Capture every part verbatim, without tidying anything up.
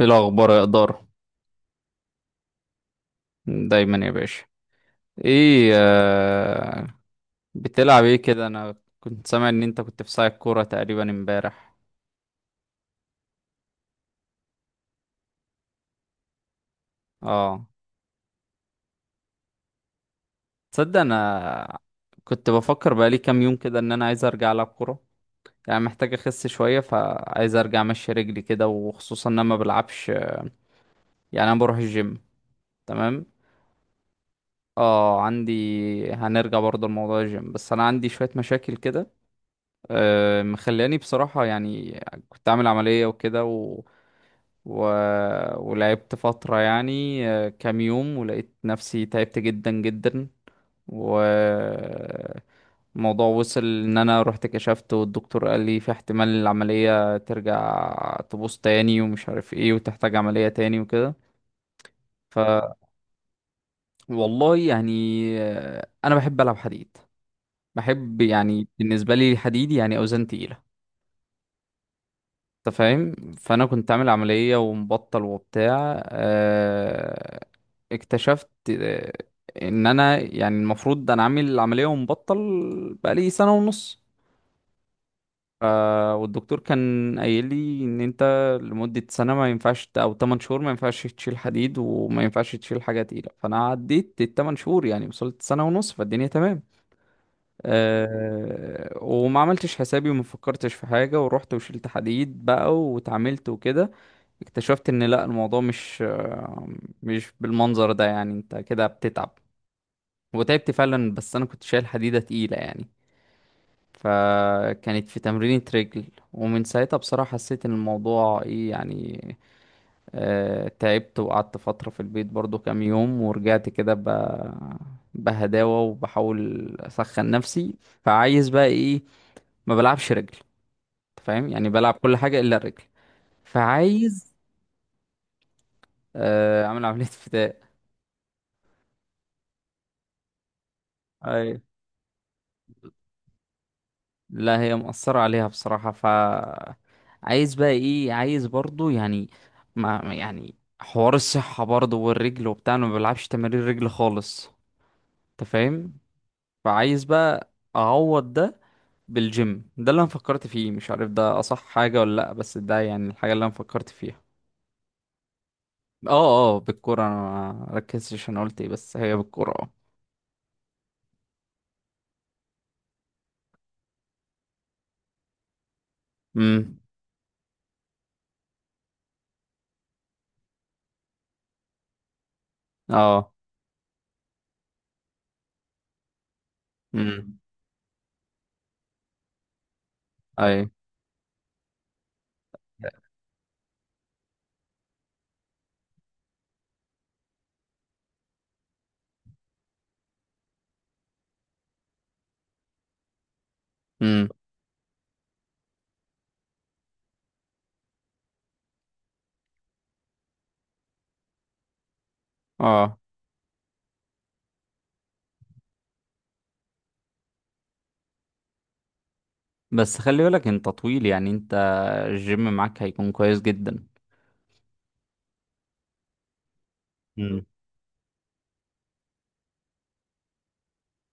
ايه الاخبار يا اداره، دايما يا باشا. ايه آه. بتلعب ايه كده؟ انا كنت سامع ان انت كنت في ساعة كوره تقريبا امبارح. اه. تصدق، انا كنت بفكر بقالي كام يوم كده ان انا عايز ارجع العب كوره. يعني محتاج اخس شويه، فعايز ارجع امشي رجلي كده، وخصوصا ان انا ما بلعبش. يعني انا بروح الجيم، تمام. اه عندي، هنرجع برضه لموضوع الجيم، بس انا عندي شويه مشاكل كده آه مخلاني بصراحه يعني. كنت عامل عمليه وكده، و... ولعبت فترة يعني آه، كام يوم، ولقيت نفسي تعبت جدا جدا. والموضوع وصل ان انا رحت كشفت، والدكتور قال لي في احتمال العملية ترجع تبوظ تاني ومش عارف ايه، وتحتاج عملية تاني وكده. ف والله يعني آه، انا بحب العب حديد. بحب يعني، بالنسبة لي الحديد يعني اوزان تقيلة. انت فاهم؟ فانا كنت عامل عملية ومبطل وبتاع، آه، اكتشفت آه، ان انا يعني المفروض انا عامل العملية ومبطل بقالي سنة ونص. آه، والدكتور كان قايل لي ان انت لمدة سنة ما ينفعش ت- او 8 شهور ما ينفعش تشيل حديد، وما ينفعش تشيل حاجة تقيلة. فانا عديت ال 8 شهور يعني، وصلت سنة ونص فالدنيا تمام. أه، وما عملتش حسابي وما فكرتش في حاجة، ورحت وشلت حديد بقى واتعاملت وكده. اكتشفت ان لا، الموضوع مش آه، مش بالمنظر ده يعني. انت كده بتتعب، وتعبت فعلا، بس انا كنت شايل حديدة تقيلة يعني، فكانت في تمرينة رجل. ومن ساعتها بصراحة حسيت ان الموضوع ايه يعني. آه تعبت، وقعدت فترة في البيت برضو كام يوم، ورجعت كده ب... بهداوة، وبحاول اسخن نفسي. فعايز بقى ايه، ما بلعبش رجل. أنت فاهم؟ يعني بلعب كل حاجة إلا الرجل. فعايز آه، أعمل عملية فداء. أي. لا، هي مأثرة عليها بصراحة. ف عايز بقى إيه، عايز برضو يعني، ما ما- يعني حوار الصحة برضو والرجل وبتاع. أنا ما بلعبش تمارين رجل خالص. أنت فاهم؟ فعايز بقى أعوض ده بالجيم. ده اللي أنا فكرت فيه، مش عارف ده أصح حاجة ولا لأ، بس ده يعني الحاجة اللي أنا فكرت فيها. اه. اه، بالكورة أنا ما ركزتش، أنا قلت إيه، بس هي بالكورة، اه. أمم. اه. امم. اي. امم. اه. بس خلي بالك انت طويل، يعني انت الجيم معاك هيكون كويس جدا. امم.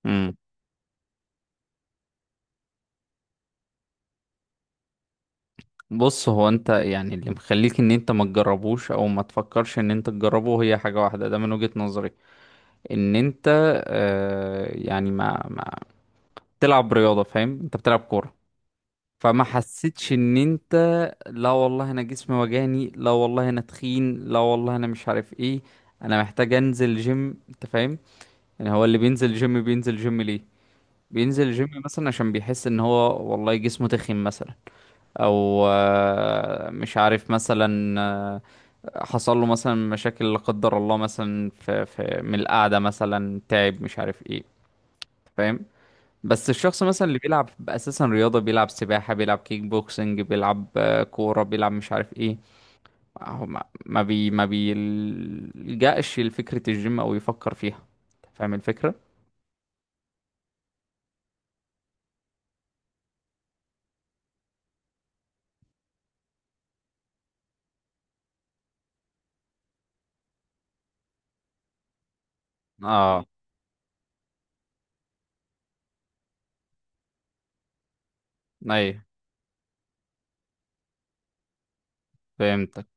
امم. بص، هو انت يعني اللي مخليك ان انت ما تجربوش او ما تفكرش ان انت تجربه هي حاجة واحدة، ده من وجهة نظري. ان انت آه يعني ما ما بتلعب رياضة، فاهم؟ انت بتلعب كورة، فما حسيتش ان انت لا والله انا جسمي وجعني، لا والله انا تخين، لا والله انا مش عارف ايه، انا محتاج انزل جيم. انت فاهم؟ يعني هو اللي بينزل جيم، بينزل جيم ليه؟ بينزل جيم مثلا عشان بيحس ان هو والله جسمه تخين مثلا. او آه، مش عارف مثلا آه، حصل له مثلا مشاكل لا قدر الله، مثلا في, في من القعده مثلا تعب مش عارف ايه. فاهم؟ بس الشخص مثلا اللي بيلعب اساسا رياضه، بيلعب سباحه، بيلعب كيك بوكسنج، بيلعب آه، كوره، بيلعب مش عارف ايه، هو ما ما بي ما بيلجأش لفكره الجيم او يفكر فيها. فاهم الفكره؟ اه. ايوه. فهمت.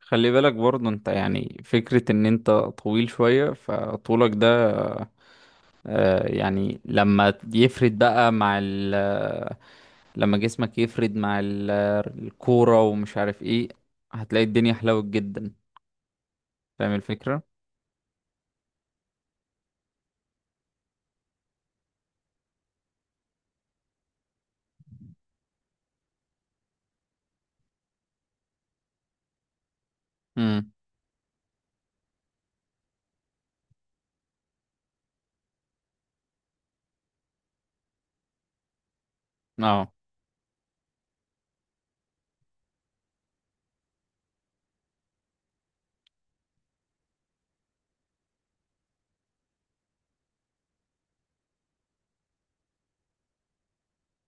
خلي بالك برضه انت، يعني فكرة ان انت طويل شوية، فطولك ده آه، يعني لما يفرد بقى مع ال لما جسمك يفرد مع ال- الكورة ومش عارف ايه، هتلاقي الدنيا حلوت جدا. فاهم الفكرة؟ امم. اه.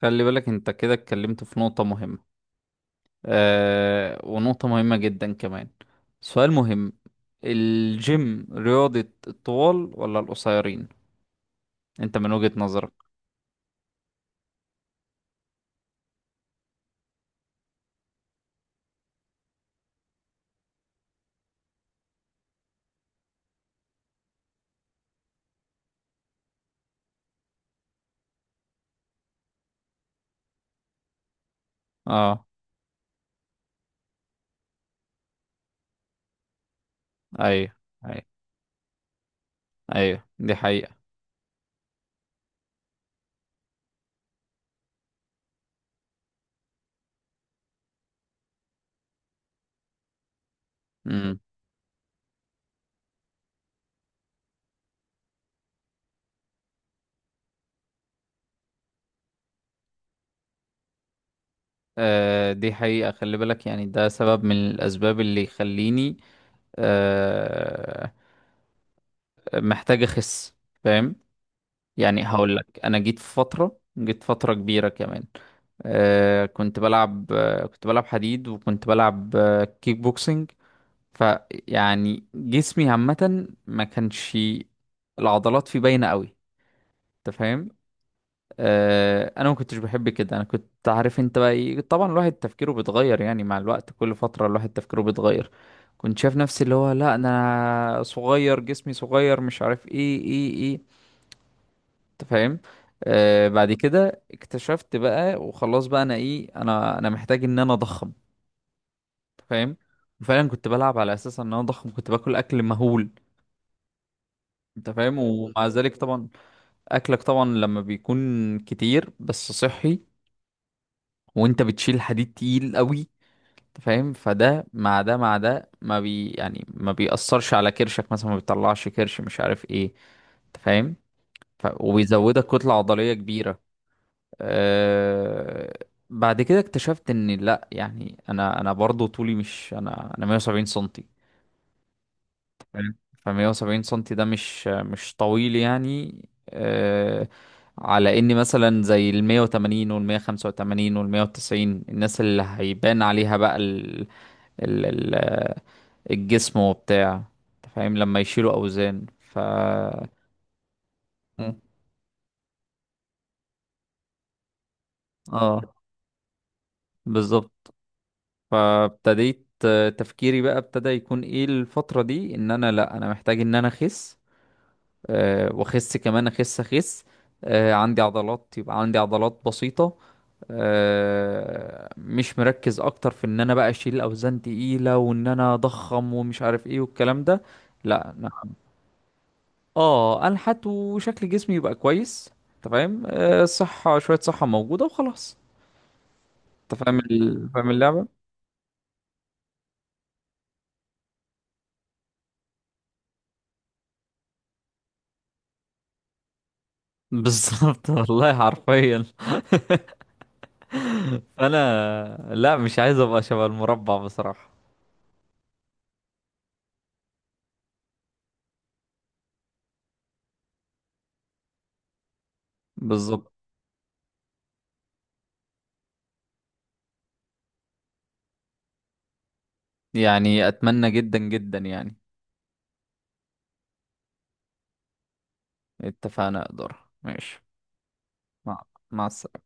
خلي بالك، انت كده اتكلمت في نقطة مهمة، آه ونقطة مهمة جدا كمان. سؤال مهم: الجيم رياضة الطوال ولا القصيرين؟ انت من وجهة نظرك. اه. ايوه. ايوه. ايوه دي حقيقة. امم. آه دي حقيقة. خلي بالك يعني، ده سبب من الاسباب اللي يخليني آه محتاج اخس. فاهم؟ يعني هقول لك، انا جيت في فترة، جيت فترة كبيرة كمان. آه كنت بلعب آه كنت بلعب حديد، وكنت بلعب آه كيك بوكسنج. فيعني جسمي عامة ما كانش العضلات فيه باينة قوي. انت فاهم؟ آه، انا ما كنتش بحب كده. انا كنت عارف انت بقى ايه. طبعا الواحد تفكيره بيتغير يعني، مع الوقت كل فترة الواحد تفكيره بيتغير. كنت شايف نفسي اللي هو، لا انا صغير، جسمي صغير، مش عارف ايه ايه ايه. انت فاهم؟ آه بعد كده اكتشفت بقى، وخلاص بقى انا ايه، انا انا محتاج ان انا اضخم. انت فاهم؟ وفعلا كنت بلعب على اساس ان انا اضخم، كنت باكل اكل مهول. انت فاهم؟ ومع ذلك طبعا اكلك طبعا لما بيكون كتير بس صحي، وانت بتشيل حديد تقيل قوي، أنت فاهم، فده مع ده مع ده ما بي يعني ما بيأثرش على كرشك مثلا، ما بيطلعش كرش مش عارف ايه. انت فاهم؟ ف... وبيزودك كتلة عضلية كبيرة. أه... بعد كده اكتشفت ان لا يعني، انا انا برضو طولي مش انا انا 170 سنتي. فاهم؟ ف 170 سنتي ده مش مش طويل يعني. أه... على اني مثلا زي ال مية وتمانين وال مية وخمسة وتمانين وال مية وتسعين، الناس اللي هيبان عليها بقى ال- ال ال الجسم وبتاع. انت فاهم لما يشيلوا اوزان. ف مم. اه، بالظبط. فابتديت آه، تفكيري بقى ابتدى يكون ايه الفترة دي، ان انا لا، انا محتاج ان انا اخس. آه، واخس كمان، اخس اخس. آه، عندي عضلات يبقى عندي عضلات بسيطة. آه، مش مركز اكتر في ان انا بقى اشيل اوزان تقيلة وان انا اضخم ومش عارف ايه والكلام ده. لا. اه، انحت وشكل جسمي يبقى كويس. انت فاهم آه، الصحه شويه، صحه موجوده وخلاص. انت فاهم ال... فاهم اللعبه. بالظبط والله، حرفيا. انا لا، مش عايز ابقى شبه المربع بصراحه. بالظبط. يعني اتمنى جدا جدا يعني. اتفقنا، اقدر، ماشي. مع مع السلامه.